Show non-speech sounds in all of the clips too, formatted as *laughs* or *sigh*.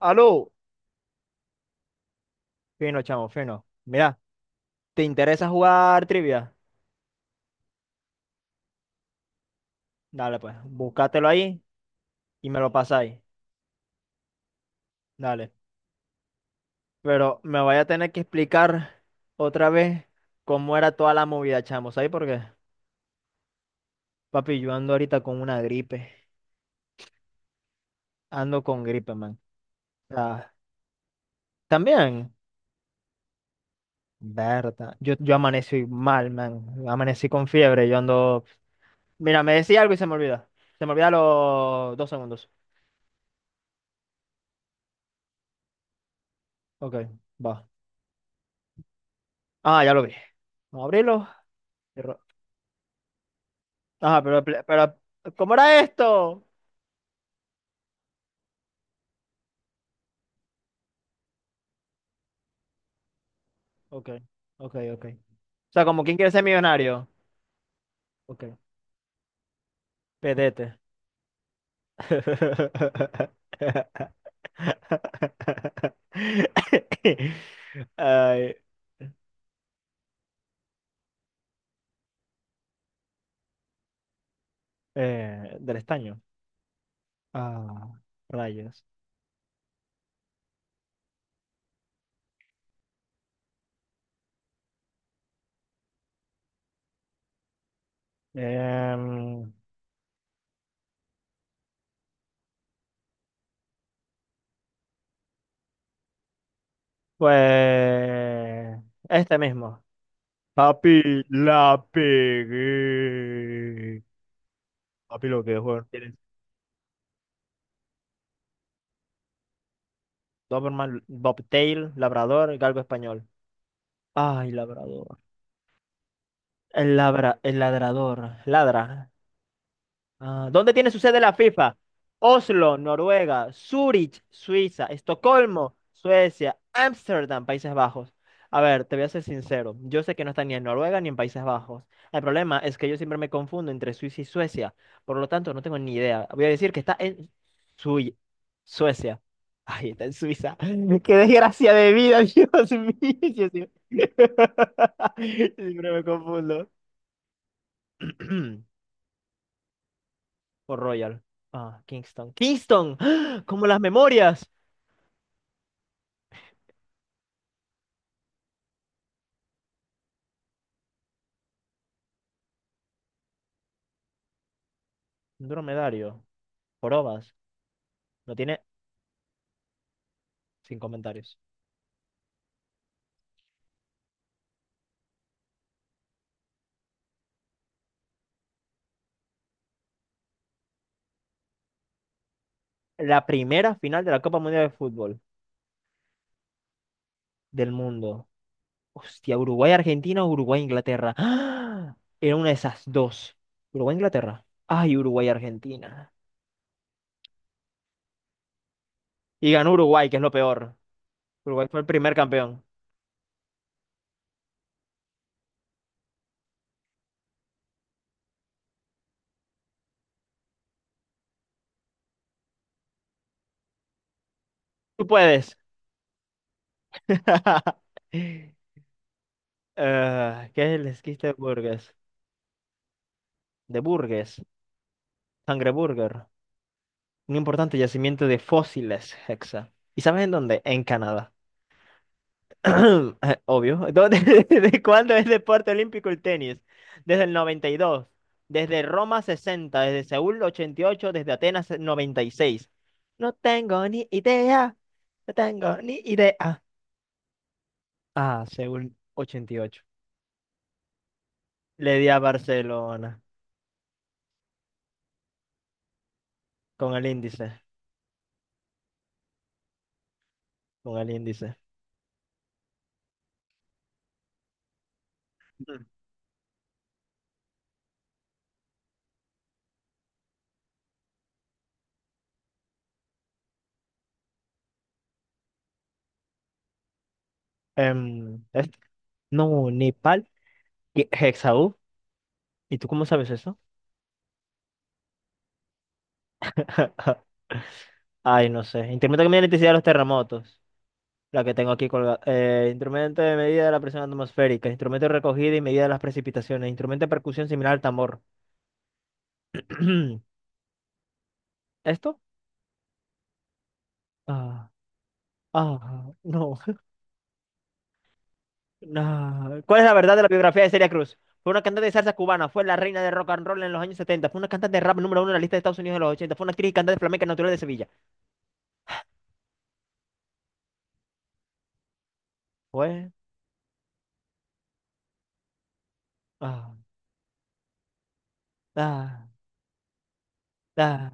Aló, fino, chamo, fino. Mira, ¿te interesa jugar trivia? Dale, pues, búscatelo ahí y me lo pasáis. Dale. Pero me vaya a tener que explicar otra vez cómo era toda la movida, chamo. ¿Sabes por qué? Papi, yo ando ahorita con una gripe. Ando con gripe, man. Ah, también, verdad. Yo amanecí mal, man. Amanecí con fiebre. Yo ando. Mira, me decía algo y se me olvida. Se me olvida los dos segundos. Ok, va. Ah, ya lo vi. Vamos a abrirlo. Ajá, pero, pero, ¿cómo era esto? Ok, ok, ok. O sea, como quién quiere ser millonario. Ok, pedete. *laughs* Ay, del estaño. Ah, rayos. Em, pues, este mismo. Papi, la pegué. Papi, lo que es, weón. Tienes Doberman, Bobtail, Labrador, Galgo español. Ay, labrador. El labra, el ladrador. Ladra. Ah, ¿dónde tiene su sede la FIFA? Oslo, Noruega, Zurich, Suiza, Estocolmo, Suecia, Ámsterdam, Países Bajos. A ver, te voy a ser sincero. Yo sé que no está ni en Noruega ni en Países Bajos. El problema es que yo siempre me confundo entre Suiza y Suecia. Por lo tanto, no tengo ni idea. Voy a decir que está en Sui- Suecia. Ay, está en Suiza. *laughs* ¡Qué desgracia de vida, Dios mío! *laughs* Yo sí. *laughs* Siempre me confundo. *clears throat* O Royal. Ah, Kingston. ¡Kingston! ¡Ah! ¡Como las memorias! Un dromedario. Jorobas. No tiene, sin comentarios. La primera final de la Copa Mundial de Fútbol del mundo. Hostia, Uruguay-Argentina o Uruguay-Inglaterra. ¡Ah! Era una de esas dos. Uruguay-Inglaterra. Ay, Uruguay-Argentina. Y ganó Uruguay, que es lo peor. Uruguay fue el primer campeón. Tú puedes. *laughs* ¿Qué es el esquiste de Burgess? De Burgess. Sangre Burger. Un importante yacimiento de fósiles, Hexa. ¿Y sabes en dónde? En Canadá. *clears throat* Obvio. ¿Dónde? *laughs* ¿Desde cuándo es deporte olímpico el tenis? Desde el 92, desde Roma 60, desde Seúl 88, desde Atenas 96. No tengo ni idea, no tengo ni idea. Ah, Seúl 88. Le di a Barcelona. Con el índice, con el índice. Mm. Em, es- no, Nepal, y Hexaú. ¿Y tú cómo sabes eso? *laughs* Ay, no sé. Instrumento que mide la intensidad de los terremotos. La que tengo aquí colgada. Instrumento de medida de la presión atmosférica. Instrumento de recogida y medida de las precipitaciones. Instrumento de percusión similar al tambor. *clears throat* ¿Esto? Ah, ah, no. *laughs* Nah. ¿Cuál es la verdad de la biografía de Celia Cruz? Fue una cantante de salsa cubana, fue la reina de rock and roll en los años setenta, fue una cantante de rap número uno en la lista de Estados Unidos de los ochenta, fue una actriz y cantante flamenca natural de Sevilla. Fue... Ah, ah, ah,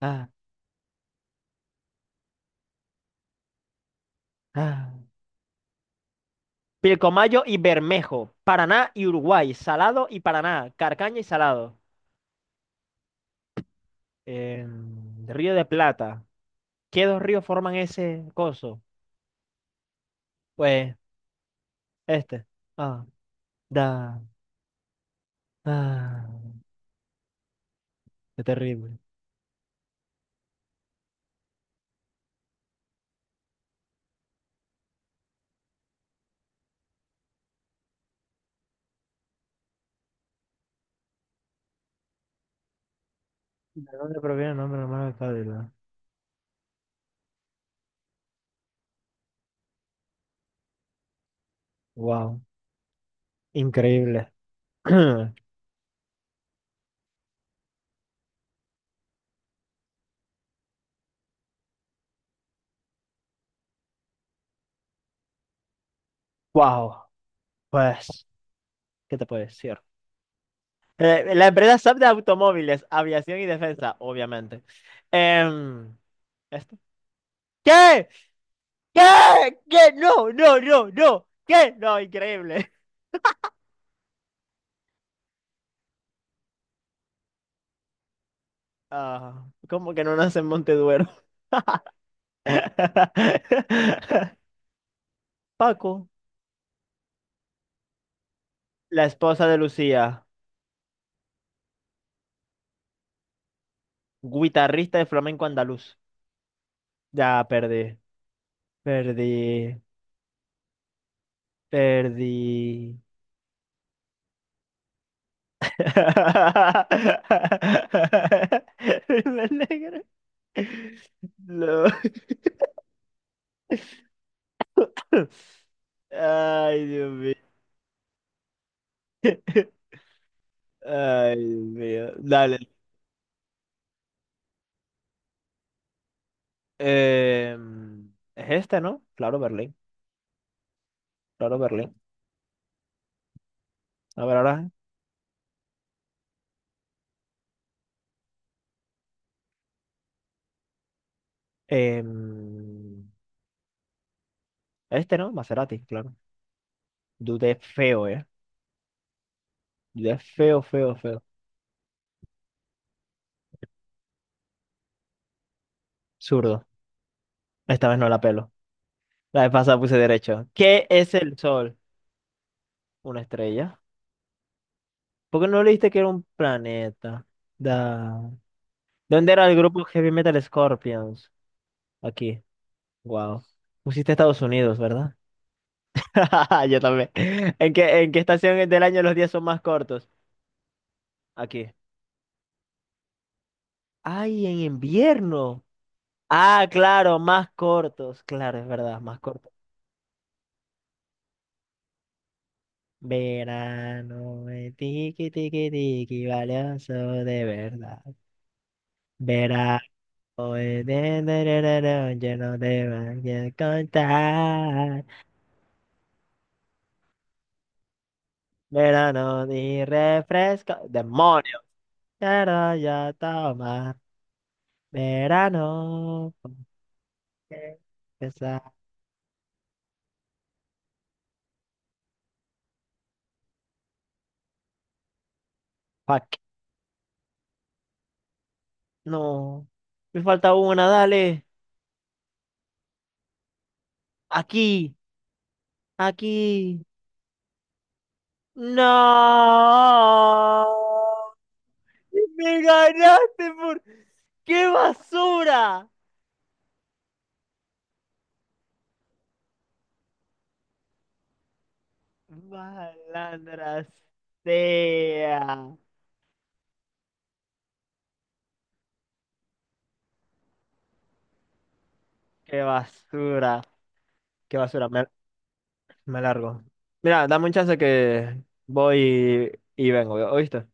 ah, ah. Ah. Pilcomayo y Bermejo, Paraná y Uruguay, Salado y Paraná, Carcaña y Salado. Eh, Río de Plata. ¿Qué dos ríos forman ese coso? Pues este. Ah, da. Ah, qué terrible. ¿De dónde proviene el nombre romano de Cálida? Wow, increíble. *clears throat* Wow, pues, ¿qué te puedo decir? La empresa SAP de automóviles, aviación y defensa, obviamente. Em, ¿Esto? ¿Qué? ¿Qué? ¿Qué? No, no, no, no. ¿Qué? No, increíble. Ah, ¿cómo que no nace en Monteduero? *laughs* Paco, la esposa de Lucía, guitarrista de flamenco andaluz. Ya perdí, perdí, perdí. *laughs* Me alegro. No. *laughs* Ay, Dios mío. Ay, Dios mío. Dale. Em, es este, ¿no? Claro, Berlín. Claro, Berlín. A ver, ahora. em, este, ¿no? Maserati, claro. Dudé feo, ¿eh? Dudé feo, feo, feo. Zurdo. Esta vez no la pelo. La vez pasada puse derecho. ¿Qué es el sol? Una estrella. ¿Por qué no leíste que era un planeta? Da. ¿Dónde era el grupo Heavy Metal Scorpions? Aquí. Wow. Pusiste Estados Unidos, ¿verdad? *laughs* Yo también. ¿En qué estación del año los días son más cortos? Aquí. Ay, en invierno. Ah, claro, más cortos. Claro, es verdad, más cortos. Verano, tiki tiki tiki, valioso de verdad. Verano, yo no te voy a contar. Verano, ni refresco. ¡Demonio! Quiero yo tomar. Verano, porque esa- Fuck. No. Me falta una, dale. Aquí, aquí. No, me ganaste por... ¡Qué basura! Malandra sea. ¡Qué basura! ¡Qué basura! Me largo. Mira, dame un chance que voy y vengo, ¿oíste?